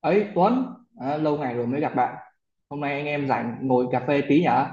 Ấy Tuấn à, lâu ngày rồi mới gặp bạn. Hôm nay anh em rảnh ngồi cà phê tí nhở.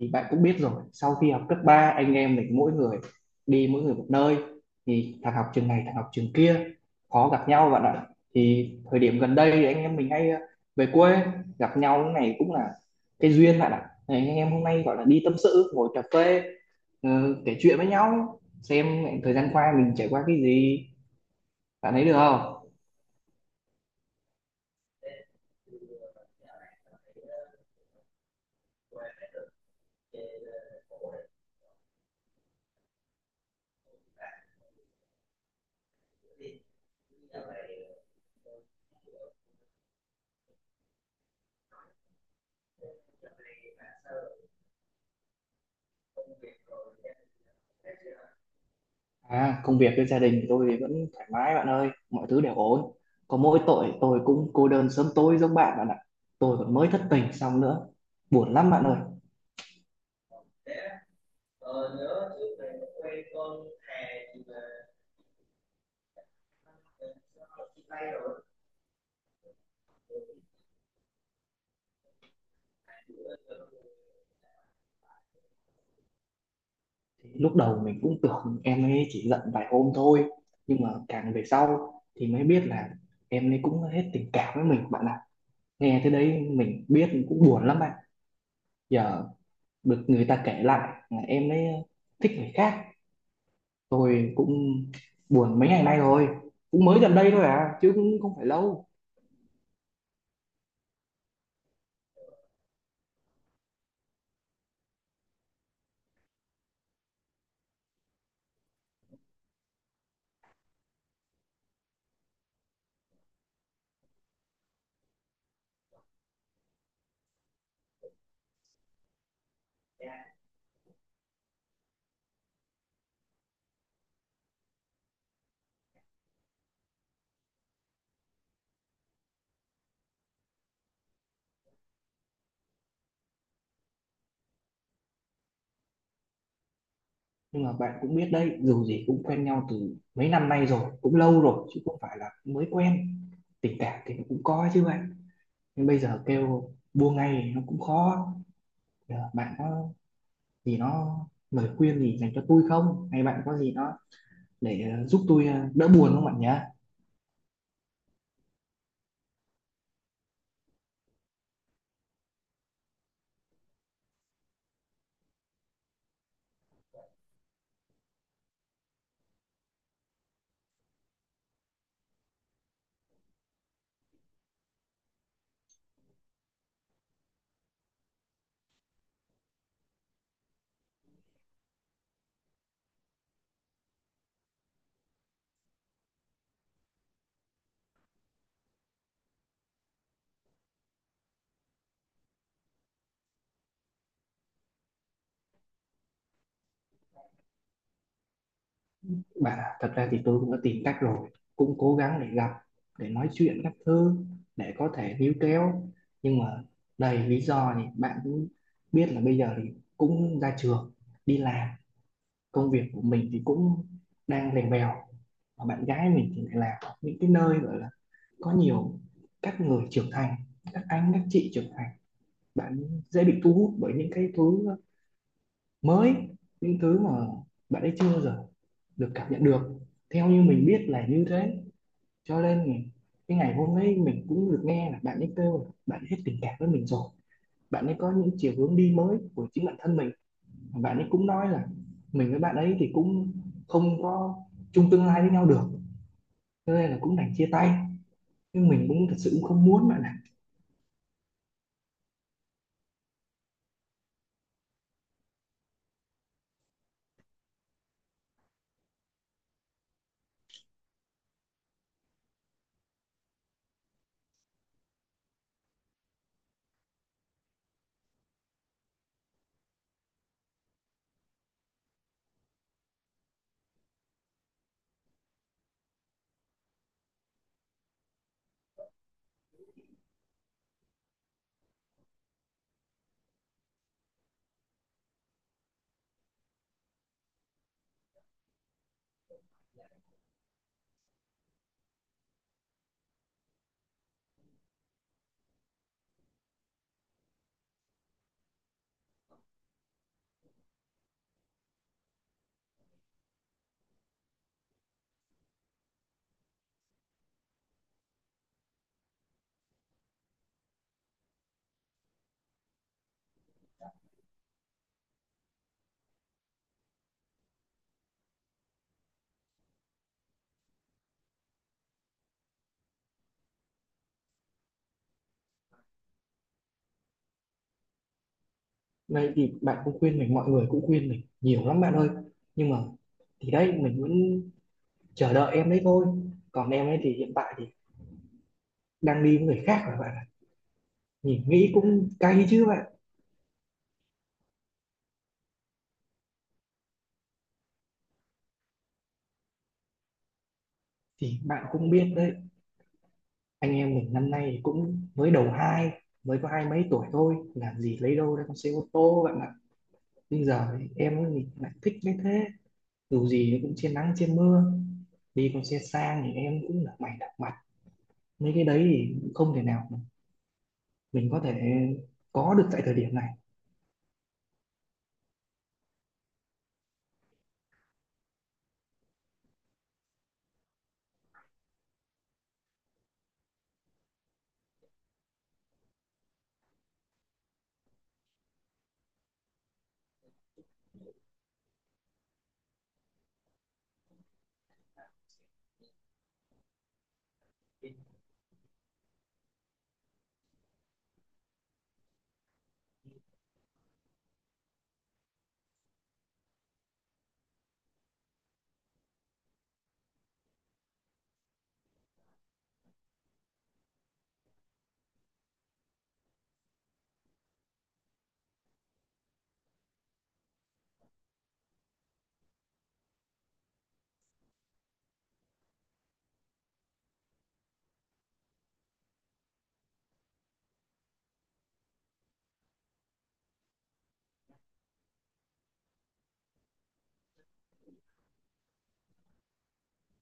Thì bạn cũng biết rồi, sau khi học cấp 3 anh em mình mỗi người đi mỗi người một nơi, thì thằng học trường này thằng học trường kia, khó gặp nhau bạn ạ. Thì thời điểm gần đây thì anh em mình hay về quê gặp nhau, cái này cũng là cái duyên bạn ạ. Thì anh em hôm nay gọi là đi tâm sự ngồi cà phê, kể chuyện với nhau xem thời gian qua mình trải qua cái gì. Bạn thấy được không? À, công việc với gia đình thì tôi thì vẫn thoải mái bạn ơi, mọi thứ đều ổn. Có mỗi tội tôi cũng cô đơn sớm tối giống bạn bạn ạ. Tôi còn mới thất tình xong nữa, buồn lắm bạn ơi. Thì lúc đầu mình cũng tưởng em ấy chỉ giận vài hôm thôi, nhưng mà càng về sau thì mới biết là em ấy cũng hết tình cảm với mình bạn ạ. Nghe thế đấy mình biết cũng buồn lắm bạn. Giờ được người ta kể lại là em ấy thích người khác, tôi cũng buồn mấy ngày nay rồi, cũng mới gần đây thôi à, chứ cũng không phải lâu. Nhưng mà bạn cũng biết đấy, dù gì cũng quen nhau từ mấy năm nay rồi, cũng lâu rồi chứ không phải là mới quen. Tình cảm thì nó cũng có chứ bạn, nhưng bây giờ kêu buông ngay thì nó cũng khó. Giờ bạn có gì nó lời khuyên gì dành cho tôi không, hay bạn có gì nó để giúp tôi đỡ buồn không bạn nhé. Bạn ạ, thật ra thì tôi cũng đã tìm cách rồi, cũng cố gắng để gặp, để nói chuyện các thứ, để có thể níu kéo, nhưng mà đầy lý do thì bạn cũng biết, là bây giờ thì cũng ra trường đi làm, công việc của mình thì cũng đang lèn bèo, và bạn gái mình thì lại là những cái nơi gọi là có nhiều các người trưởng thành, các anh các chị trưởng thành. Bạn dễ bị thu hút bởi những cái thứ mới, những thứ mà bạn ấy chưa bao giờ được cảm nhận được, theo như mình biết là như thế. Cho nên cái ngày hôm ấy mình cũng được nghe là bạn ấy kêu là bạn hết tình cảm với mình rồi, bạn ấy có những chiều hướng đi mới của chính bản thân mình. Bạn ấy cũng nói là mình với bạn ấy thì cũng không có chung tương lai với nhau được, cho nên là cũng đành chia tay, nhưng mình cũng thật sự cũng không muốn bạn ạ. Vậy thì bạn cũng khuyên mình, mọi người cũng khuyên mình nhiều lắm bạn ơi, nhưng mà thì đấy mình vẫn chờ đợi em đấy thôi. Còn em ấy thì hiện tại thì đang đi với người khác rồi bạn ạ, nhìn nghĩ cũng cay chứ bạn. Thì bạn cũng biết đấy, anh em mình năm nay cũng mới đầu hai, mới có hai mấy tuổi thôi, làm gì lấy đâu ra con xe ô tô bạn ạ. Bây giờ em ấy thì lại thích như thế, dù gì nó cũng trên nắng trên mưa, đi con xe sang thì em cũng là mày đặc mặt. Mấy cái đấy thì không thể nào mà mình có thể có được tại thời điểm này.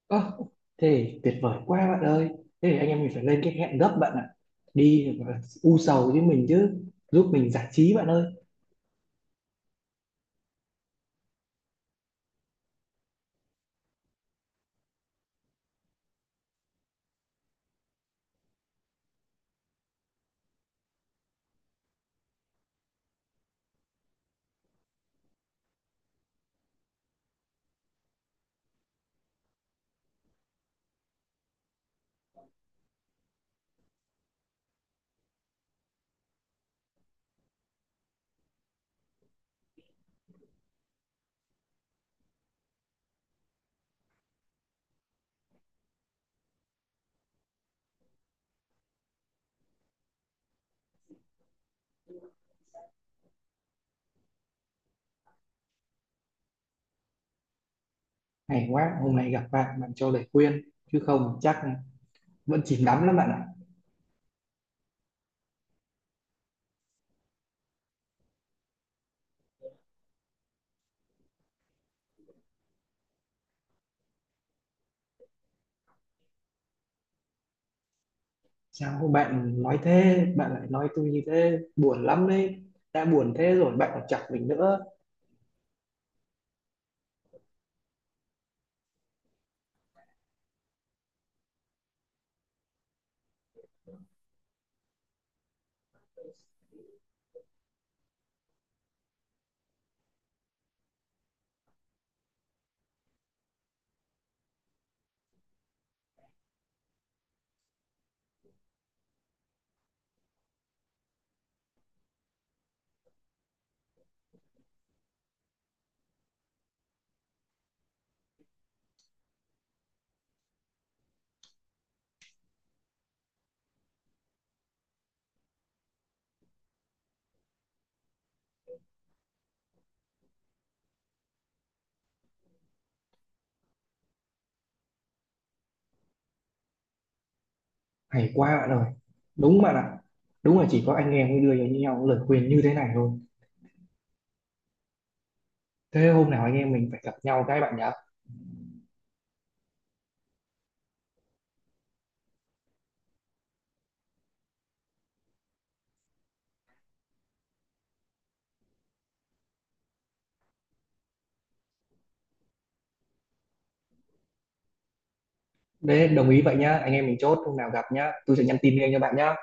Ơ, thế thì tuyệt vời quá bạn ơi, thế thì anh em mình phải lên cái hẹn gấp bạn ạ, đi và u sầu với mình chứ, giúp mình giải trí bạn ơi. Hay quá, hôm nay gặp bạn, bạn cho lời khuyên, chứ không chắc vẫn chìm đắm lắm bạn ạ. Sao bạn nói thế, bạn lại nói tôi như thế buồn lắm đấy, đã buồn thế rồi bạn còn chọc mình nữa. Hay quá bạn ơi, đúng bạn ạ. Đúng là chỉ có anh em mới đưa cho nhau lời khuyên như thế này thôi. Thế hôm nào anh em mình phải gặp nhau cái bạn nhá. Đấy, đồng ý vậy nhá, anh em mình chốt hôm nào gặp nhá, tôi sẽ nhắn tin ngay cho bạn nhá.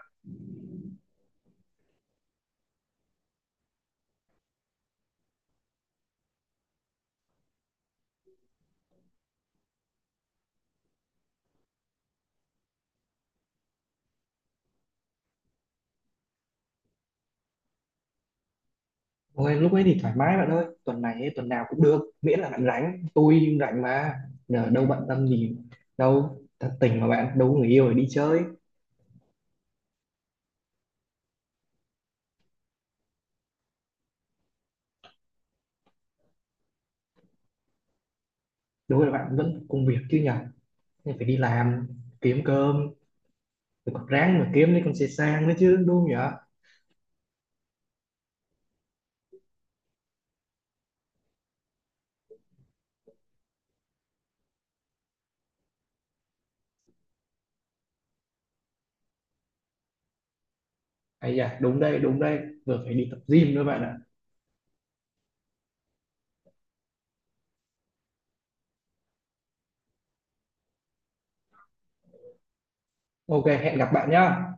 Ôi, lúc ấy thì thoải mái bạn ơi, tuần này ấy, tuần nào cũng được miễn là bạn rảnh tôi rảnh mà, giờ đâu bận tâm gì đâu, thật tình mà bạn đâu có người yêu để đi chơi. Đối với bạn vẫn có công việc chứ nhở, nên phải đi làm kiếm cơm, rồi còn ráng mà kiếm lấy con xe sang nữa chứ đúng không nhỉ. Ây da, đúng đây, vừa phải đi tập gym nữa bạn ạ. Ok, hẹn gặp bạn nhá.